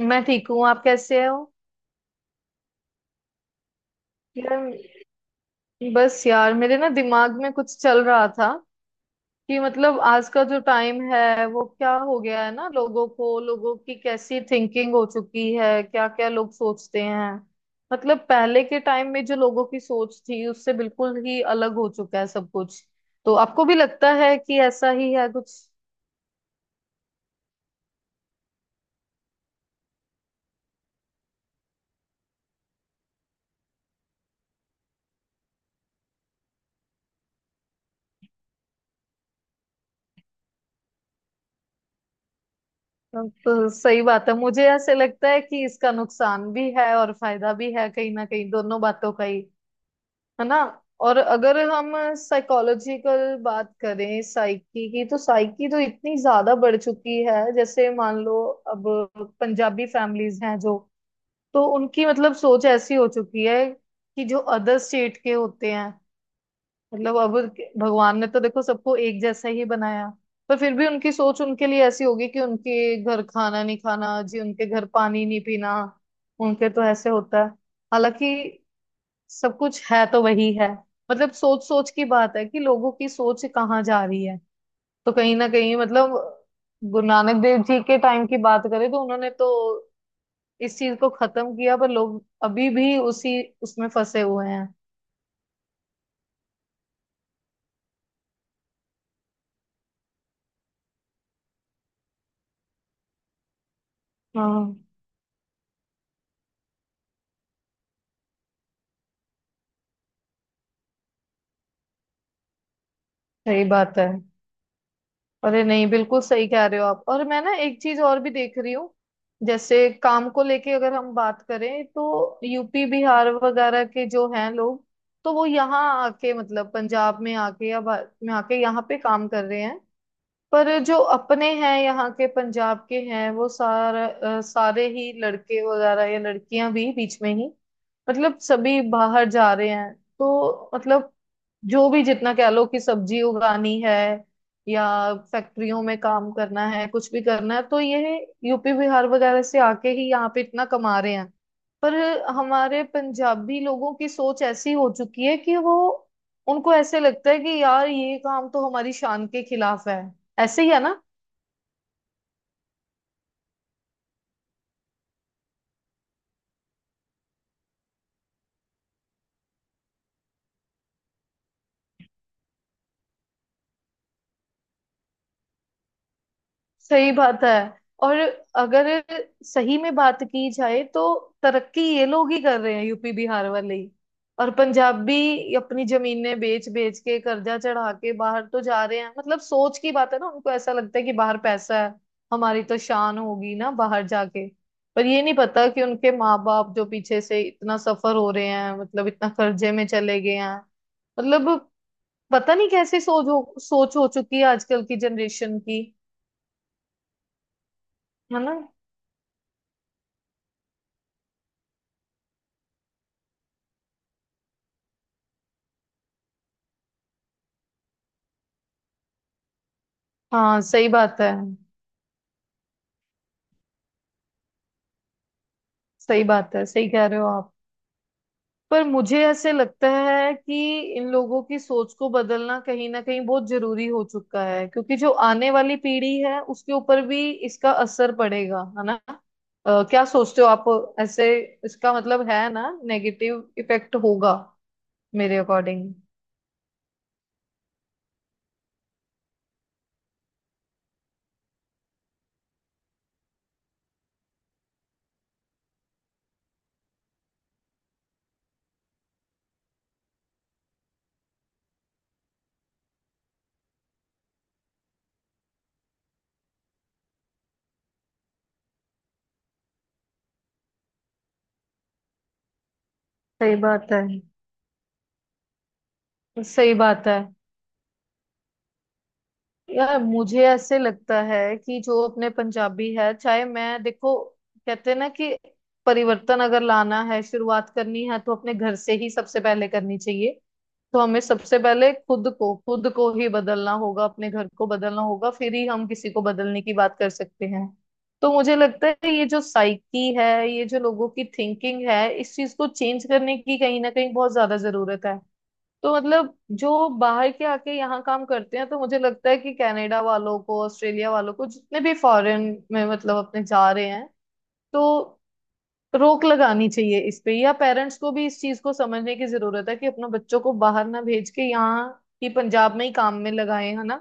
मैं ठीक हूँ। आप कैसे हो? यार, बस यार मेरे ना दिमाग में कुछ चल रहा था कि मतलब आज का जो टाइम है वो क्या हो गया है, ना लोगों की कैसी थिंकिंग हो चुकी है, क्या क्या लोग सोचते हैं। मतलब पहले के टाइम में जो लोगों की सोच थी उससे बिल्कुल ही अलग हो चुका है सब कुछ। तो आपको भी लगता है कि ऐसा ही है कुछ? तो सही बात है, मुझे ऐसे लगता है कि इसका नुकसान भी है और फायदा भी है, कहीं ना कहीं दोनों बातों का ही। है ना? और अगर हम साइकोलॉजिकल बात करें, साइकी की, तो साइकी तो इतनी ज्यादा बढ़ चुकी है। जैसे मान लो अब पंजाबी फैमिलीज हैं जो, तो उनकी मतलब सोच ऐसी हो चुकी है कि जो अदर स्टेट के होते हैं, मतलब अब भगवान ने तो देखो सबको एक जैसा ही बनाया, पर फिर भी उनकी सोच उनके लिए ऐसी होगी कि उनके घर खाना नहीं खाना जी, उनके घर पानी नहीं पीना, उनके तो ऐसे होता है। हालांकि सब कुछ है तो वही है। मतलब सोच सोच की बात है कि लोगों की सोच कहाँ जा रही है। तो कहीं ना कहीं मतलब गुरु नानक देव जी के टाइम की बात करें तो उन्होंने तो इस चीज को खत्म किया, पर लोग अभी भी उसी उसमें फंसे हुए हैं। हाँ सही बात है। अरे नहीं, बिल्कुल सही कह रहे हो आप। और मैं ना एक चीज और भी देख रही हूँ। जैसे काम को लेके अगर हम बात करें तो यूपी बिहार वगैरह के जो हैं लोग, तो वो यहाँ आके, मतलब पंजाब में आके या भारत में आके यहाँ पे काम कर रहे हैं। पर जो अपने हैं, यहाँ के पंजाब के हैं, वो सारा सारे ही लड़के वगैरह या लड़कियां भी बीच में ही, मतलब सभी बाहर जा रहे हैं। तो मतलब जो भी जितना कह लो कि सब्जी उगानी है या फैक्ट्रियों में काम करना है, कुछ भी करना है, तो ये यूपी बिहार वगैरह से आके ही यहाँ पे इतना कमा रहे हैं। पर हमारे पंजाबी लोगों की सोच ऐसी हो चुकी है कि वो, उनको ऐसे लगता है कि यार ये काम तो हमारी शान के खिलाफ है। ऐसे ही है ना? सही बात है। और अगर सही में बात की जाए तो तरक्की ये लोग ही कर रहे हैं, यूपी बिहार वाले ही। और पंजाब भी अपनी जमीनें बेच बेच के कर्जा चढ़ा के बाहर तो जा रहे हैं। मतलब सोच की बात है ना, उनको ऐसा लगता है कि बाहर पैसा है, हमारी तो शान होगी ना बाहर जाके। पर ये नहीं पता कि उनके माँ बाप जो पीछे से इतना सफर हो रहे हैं, मतलब इतना कर्जे में चले गए हैं, मतलब पता नहीं कैसी सोच हो चुकी है आजकल की जनरेशन की। है ना? हाँ सही बात है। सही बात है, सही कह रहे हो आप। पर मुझे ऐसे लगता है कि इन लोगों की सोच को बदलना कहीं ना कहीं बहुत जरूरी हो चुका है, क्योंकि जो आने वाली पीढ़ी है उसके ऊपर भी इसका असर पड़ेगा। है ना? क्या सोचते हो आप ऐसे? इसका मतलब है ना नेगेटिव इफेक्ट होगा, मेरे अकॉर्डिंग। सही बात है। सही बात है। यार मुझे ऐसे लगता है कि जो अपने पंजाबी है, चाहे मैं देखो, कहते हैं ना कि परिवर्तन अगर लाना है, शुरुआत करनी है, तो अपने घर से ही सबसे पहले करनी चाहिए। तो हमें सबसे पहले खुद को ही बदलना होगा, अपने घर को बदलना होगा, फिर ही हम किसी को बदलने की बात कर सकते हैं। तो मुझे लगता है ये जो साइकी है, ये जो लोगों की थिंकिंग है, इस चीज को चेंज करने की कहीं ना कहीं बहुत ज्यादा जरूरत है। तो मतलब जो बाहर के आके यहाँ काम करते हैं, तो मुझे लगता है कि कनाडा वालों को, ऑस्ट्रेलिया वालों को, जितने भी फॉरेन में मतलब अपने जा रहे हैं, तो रोक लगानी चाहिए इस पे। या पेरेंट्स को भी इस चीज को समझने की जरूरत है कि अपने बच्चों को बाहर ना भेज के यहाँ ही पंजाब में ही काम में लगाए। है ना?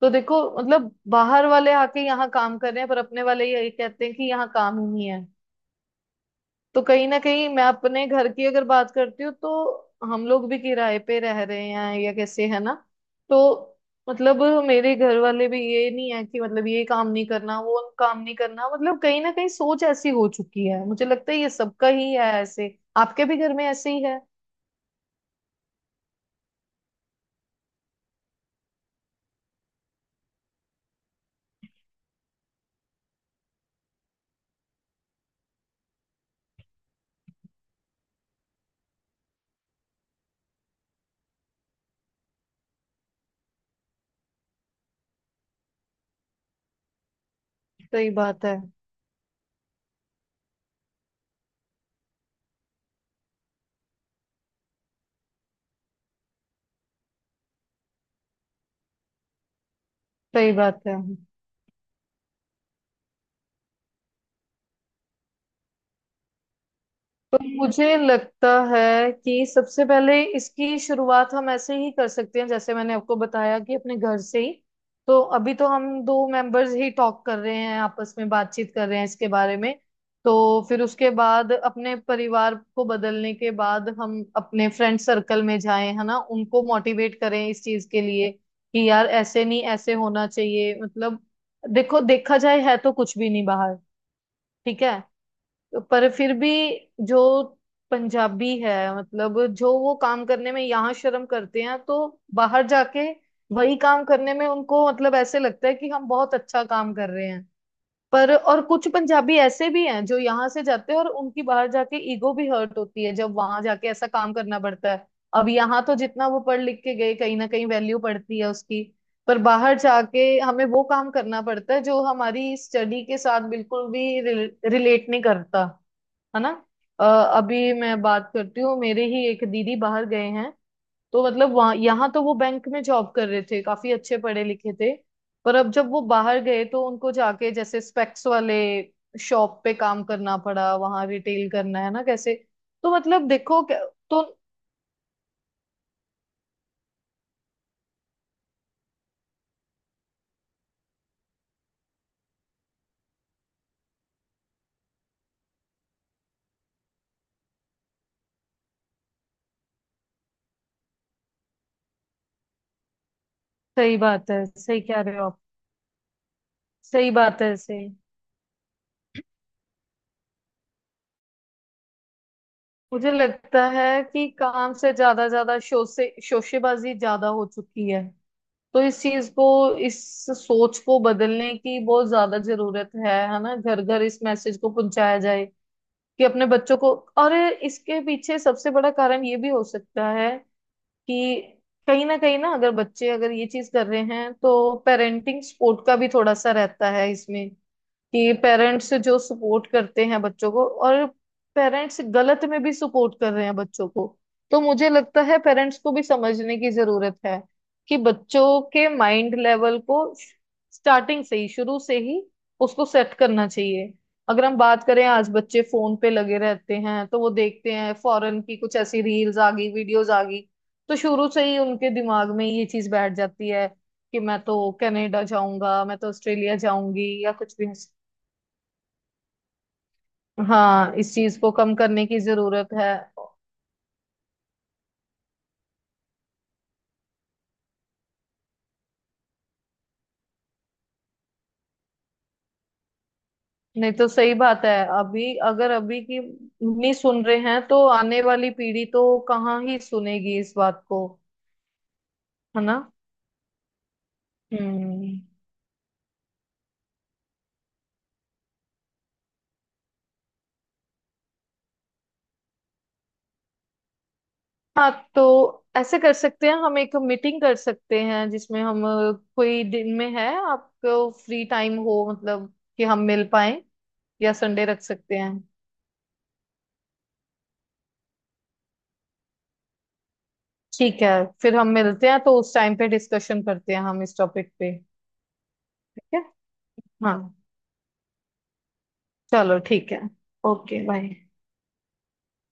तो देखो मतलब बाहर वाले आके यहाँ काम कर रहे हैं, पर अपने वाले ये कहते हैं कि यहाँ काम ही नहीं है। तो कहीं ना कहीं मैं अपने घर की अगर बात करती हूँ तो हम लोग भी किराए पे रह रहे हैं या कैसे। है ना? तो मतलब मेरे घर वाले भी ये नहीं है कि मतलब ये काम नहीं करना, वो काम नहीं करना। मतलब कहीं ना कहीं सोच ऐसी हो चुकी है। मुझे लगता है ये सबका ही है ऐसे, आपके भी घर में ऐसे ही है। सही बात है। सही बात है। मुझे लगता है कि सबसे पहले इसकी शुरुआत हम ऐसे ही कर सकते हैं, जैसे मैंने आपको बताया कि अपने घर से ही। तो अभी तो हम दो मेंबर्स ही टॉक कर रहे हैं, आपस में बातचीत कर रहे हैं इसके बारे में। तो फिर उसके बाद अपने परिवार को बदलने के बाद हम अपने फ्रेंड सर्कल में जाएं, है ना, उनको मोटिवेट करें इस चीज के लिए कि यार ऐसे नहीं, ऐसे होना चाहिए। मतलब देखो, देखा जाए है तो कुछ भी नहीं बाहर। ठीक है? पर फिर भी जो पंजाबी है, मतलब जो वो काम करने में यहाँ शर्म करते हैं, तो बाहर जाके वही काम करने में उनको मतलब ऐसे लगता है कि हम बहुत अच्छा काम कर रहे हैं। पर और कुछ पंजाबी ऐसे भी हैं जो यहाँ से जाते हैं और उनकी बाहर जाके ईगो भी हर्ट होती है, जब वहां जाके ऐसा काम करना पड़ता है। अब यहाँ तो जितना वो पढ़ लिख के गए कहीं ना कहीं वैल्यू पड़ती है उसकी, पर बाहर जाके हमें वो काम करना पड़ता है जो हमारी स्टडी के साथ बिल्कुल भी रिलेट नहीं करता। है ना? अ, अभी मैं बात करती हूँ, मेरे ही एक दीदी बाहर गए हैं। तो मतलब वहाँ, यहाँ तो वो बैंक में जॉब कर रहे थे, काफी अच्छे पढ़े लिखे थे। पर अब जब वो बाहर गए तो उनको जाके जैसे स्पेक्स वाले शॉप पे काम करना पड़ा, वहां रिटेल करना, है ना कैसे। तो मतलब देखो तो सही बात है, सही कह रहे हो आप। सही बात है, सही। मुझे लगता है कि काम से ज्यादा, ज्यादा शो से, शोशेबाजी ज्यादा हो चुकी है। तो इस चीज को, इस सोच को बदलने की बहुत ज्यादा जरूरत है। है ना? घर घर इस मैसेज को पहुंचाया जाए कि अपने बच्चों को। और इसके पीछे सबसे बड़ा कारण ये भी हो सकता है कि कहीं ना कहीं ना, अगर बच्चे अगर ये चीज कर रहे हैं तो पेरेंटिंग सपोर्ट का भी थोड़ा सा रहता है इसमें, कि पेरेंट्स जो सपोर्ट करते हैं बच्चों को, और पेरेंट्स गलत में भी सपोर्ट कर रहे हैं बच्चों को। तो मुझे लगता है पेरेंट्स को भी समझने की जरूरत है कि बच्चों के माइंड लेवल को स्टार्टिंग से ही, शुरू से ही उसको सेट करना चाहिए। अगर हम बात करें, आज बच्चे फोन पे लगे रहते हैं तो वो देखते हैं फॉरेन की कुछ ऐसी रील्स आ गई, वीडियोस आ गई, तो शुरू से ही उनके दिमाग में ये चीज बैठ जाती है कि मैं तो कनाडा जाऊंगा, मैं तो ऑस्ट्रेलिया जाऊंगी, या कुछ भी। हाँ इस चीज को कम करने की जरूरत है। नहीं तो सही बात है। अभी की नहीं सुन रहे हैं तो आने वाली पीढ़ी तो कहाँ ही सुनेगी इस बात को। है ना? हम्म। हाँ तो ऐसे कर सकते हैं, हम एक मीटिंग कर सकते हैं जिसमें हम कोई दिन में है आपको फ्री टाइम हो, मतलब कि हम मिल पाए। या संडे रख सकते हैं। ठीक है, फिर हम मिलते हैं, तो उस टाइम पे डिस्कशन करते हैं हम इस टॉपिक पे। ठीक है। हाँ चलो ठीक है। Okay bye.